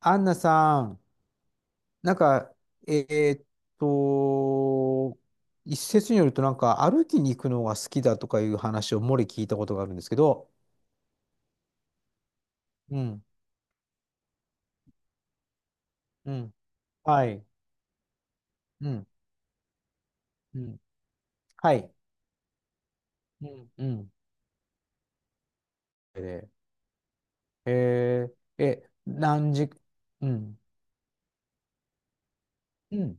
アンナさん、なんか、えーっと、一説によると、なんか、歩きに行くのが好きだとかいう話を漏れ聞いたことがあるんですけど。うん、うん、はい、うん、うん、はい、うん、うん。で、ええ、何時。うん、うん、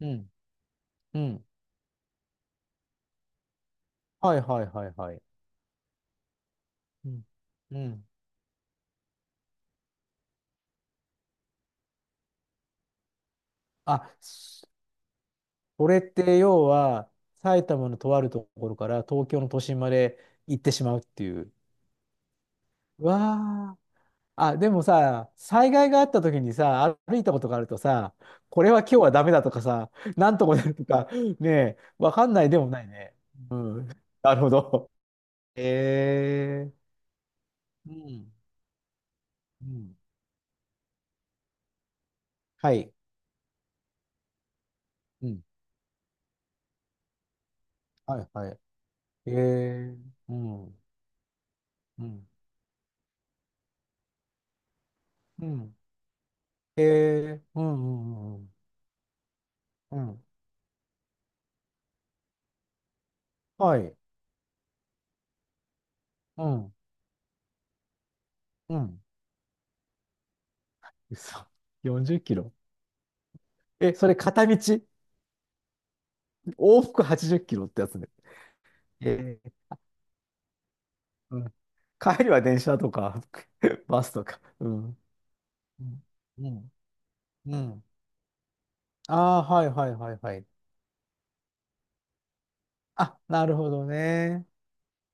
うん、うん、はい、はい、はい、はい、うん、うん。あ、それって要は、埼玉のとあるところから東京の都心まで行ってしまうっていう。わあ。あ、でもさ、災害があった時にさ、歩いたことがあるとさ、これは今日はダメだとかさ、なんとかなるとか、ねえ、わかんないでもないね。うん。なるほど。えー。うん。うん。はい。うん。はい、はい。えー。うん。うん。うん。えー。うん、うん、うん。うん。うんはい。うん。うん。嘘。40キロ。え、それ片道、往復80キロってやつね。えうん、帰りは電車とか バスとか。うん。うん。うん。うんああ、はいはいはいはい。あ、なるほどね。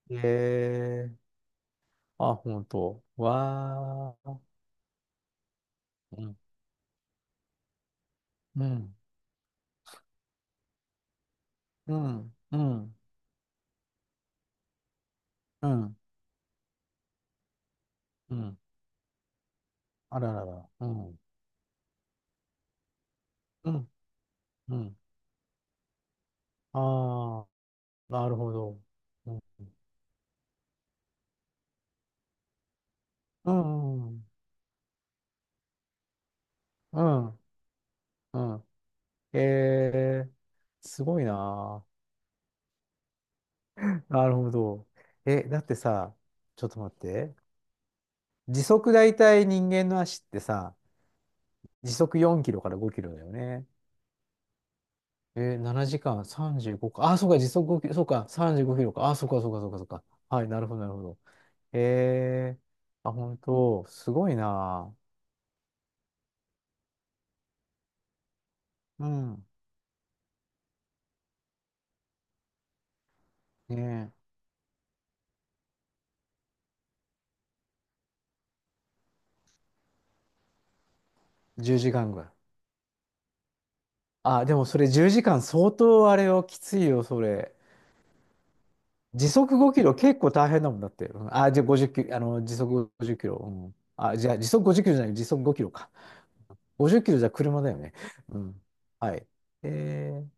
へえ。あ、ほんと。わあ。うん。うん。うん。うん。うん。うんあららら。うん。うん。うん。ああ、なるほど。うん。うん。うん。うん。うんへえ。すごいな。なるほど。え、だってさ、ちょっと待って。時速大体人間の足ってさ、時速4キロから5キロだよね。え、7時間35か。あ、そうか、時速5キロ、そうか、35キロか。あ、そうか、そうか、そうか、そうか。はい、なるほど、なるほど。えあ、本当、すごいな。うん。ねえ、10時間ぐらい。あ、でもそれ10時間相当あれよ、きついよ、それ。時速5キロ結構大変だもんだって。うん、あ、じゃあ50キロ、時速50キロ。うん。あ、じゃあ時速50キロじゃない、時速5キロか。50キロじゃ車だよね。うん。はい。えー、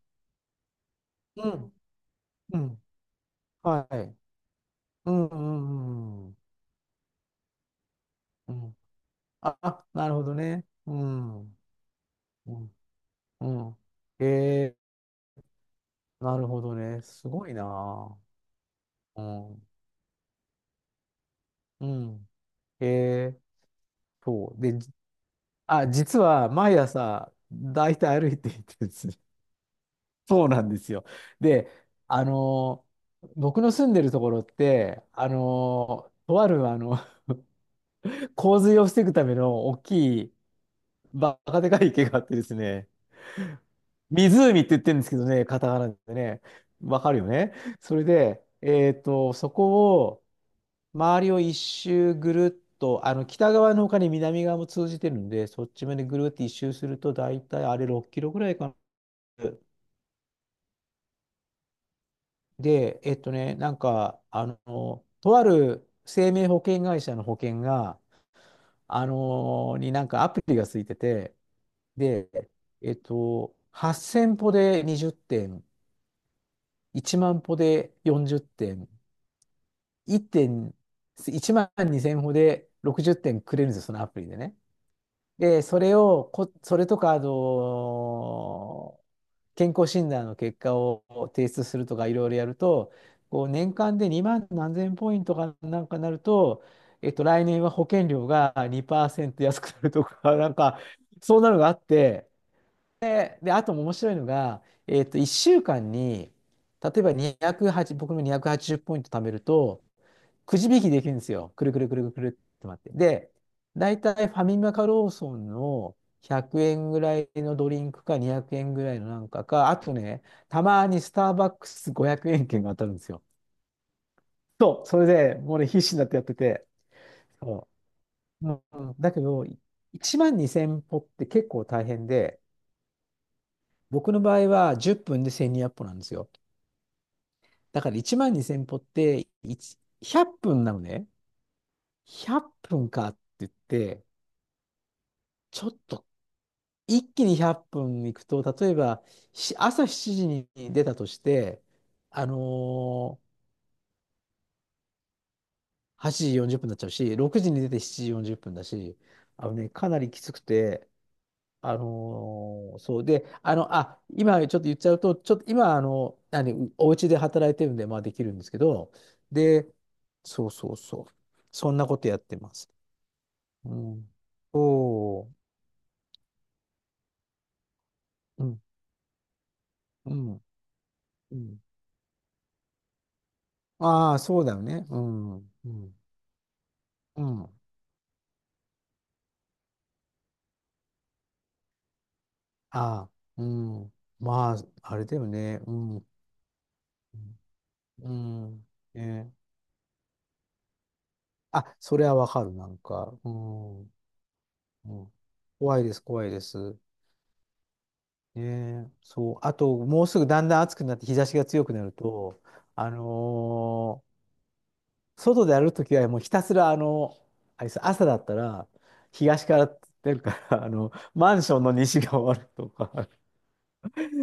うん、うん。はい。うん、うん、うん。うんあ、なるほどね。うん。うん。うんえなるほどね。すごいなあうん。うん。えー、そう。で、あ、実は毎朝、だいたい歩いていてですね。そうなんですよ。で、あのー僕の住んでるところって、とあるあの 洪水を防ぐための大きいバカでかい池があってですね、湖って言ってるんですけどね、カタカナでね、わかるよね。それで、そこを、周りを一周ぐるっと、あの北側の他に南側も通じてるんで、そっちまでぐるっと一周すると、大体あれ6キロぐらいかな。で、なんか、とある生命保険会社の保険が、になんかアプリがついてて、で、8000歩で20点、1万歩で40点、1点、1万2000歩で60点くれるんですよ、そのアプリでね。で、それをそれとか、健康診断の結果を提出するとか、いろいろやると、こう年間で2万何千ポイントかなんかなると、来年は保険料が2%安くなるとか、なんか、そんなのがあって、で、あと面白いのが、1週間に、例えば208、僕の280ポイント貯めると、くじ引きできるんですよ。くるくるくるくるって回って。で、大体ファミマかローソンの100円ぐらいのドリンクか200円ぐらいのなんかか、あとね、たまにスターバックス500円券が当たるんですよ。そう、それでもうね、必死になってやってて。そううん、だけど、1万2000歩って結構大変で、僕の場合は10分で1200歩なんですよ。だから1万2000歩って100分なのね。100分かって言って、ちょっと一気に100分行くと、例えば、朝7時に出たとして、あのー8時40分になっちゃうし、6時に出て7時40分だし、あのね、かなりきつくて、そうで、あ、今ちょっと言っちゃうと、ちょっと今、何、お家で働いてるんで、まあできるんですけど、で、そうそうそう。そんなことやってます。うん。おー、うん、うん、うん。ああ、そうだよね。うん、うん、うん。ああ、うん。まあ、あれだよね。うん。うん。ね。あ、それはわかる、なんか。うん。うん、怖いです、怖いです。ね。そう。あと、もうすぐだんだん暑くなって日差しが強くなると、あのー外で歩くときはもうひたすら、あれです朝だったら、東から出るから、マンションの西が終わるとか。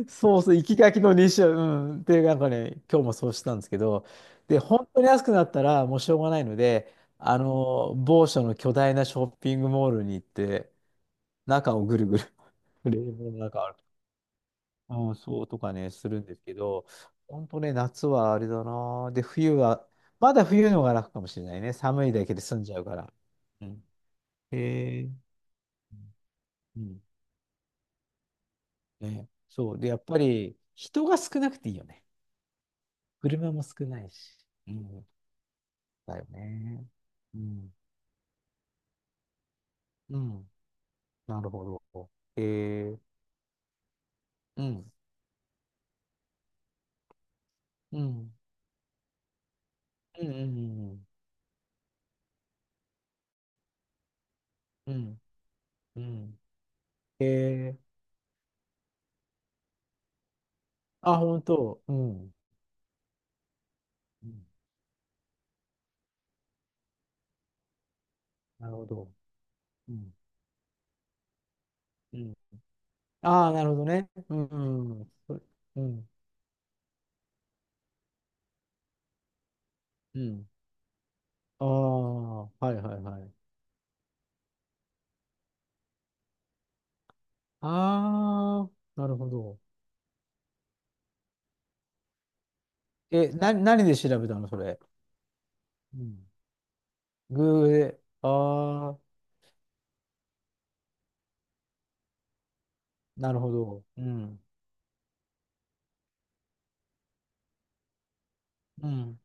そうそう、行きがきの2週、うん。で、なんかね、今日もそうしたんですけど、で、本当に安くなったらもうしょうがないので、某所の巨大なショッピングモールに行って、中をぐるぐる、冷房の中をうん、そうとかね、するんですけど、本当ね、夏はあれだな。で、冬は、まだ冬の方が楽かもしれないね。寒いだけで済んじゃうから。うん。へえ。うん。ね、そう。で、やっぱり、人が少なくていいよね。車も少ないし。うんだよね。うん。うん。なるほど。えー、うん。うん。うん。うんうん。うん。えー、あ、本当。うん。うん。なるほど。うん。うん。ああ、なるほどね。うん。うん。そうん。うん。ああ、はいはいはい。ああ、なるほど。え、何で調べたのそれ。うん。グーで。ああ、なるほど。うん。うん。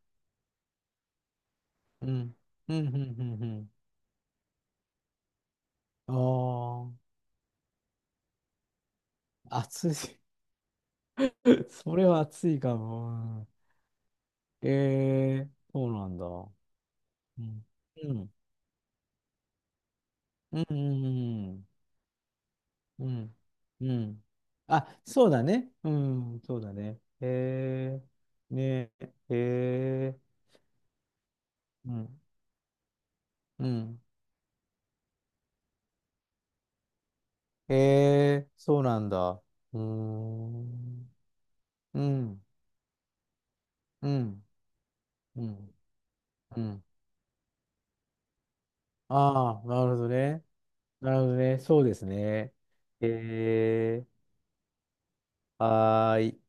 うん。うん。うん。うん。うん。ああ、暑い。それは暑いかも。うんそうなんだ。うん。うん。うん。うん。うん。うんあ、そうだね。うん。そうだね。えー、ねえ、うん。うん。えー、そうなんだ。うーん。うん。うん。うん。うん。ああ、なるほどね。なるほどね。そうですね。えー、はーい。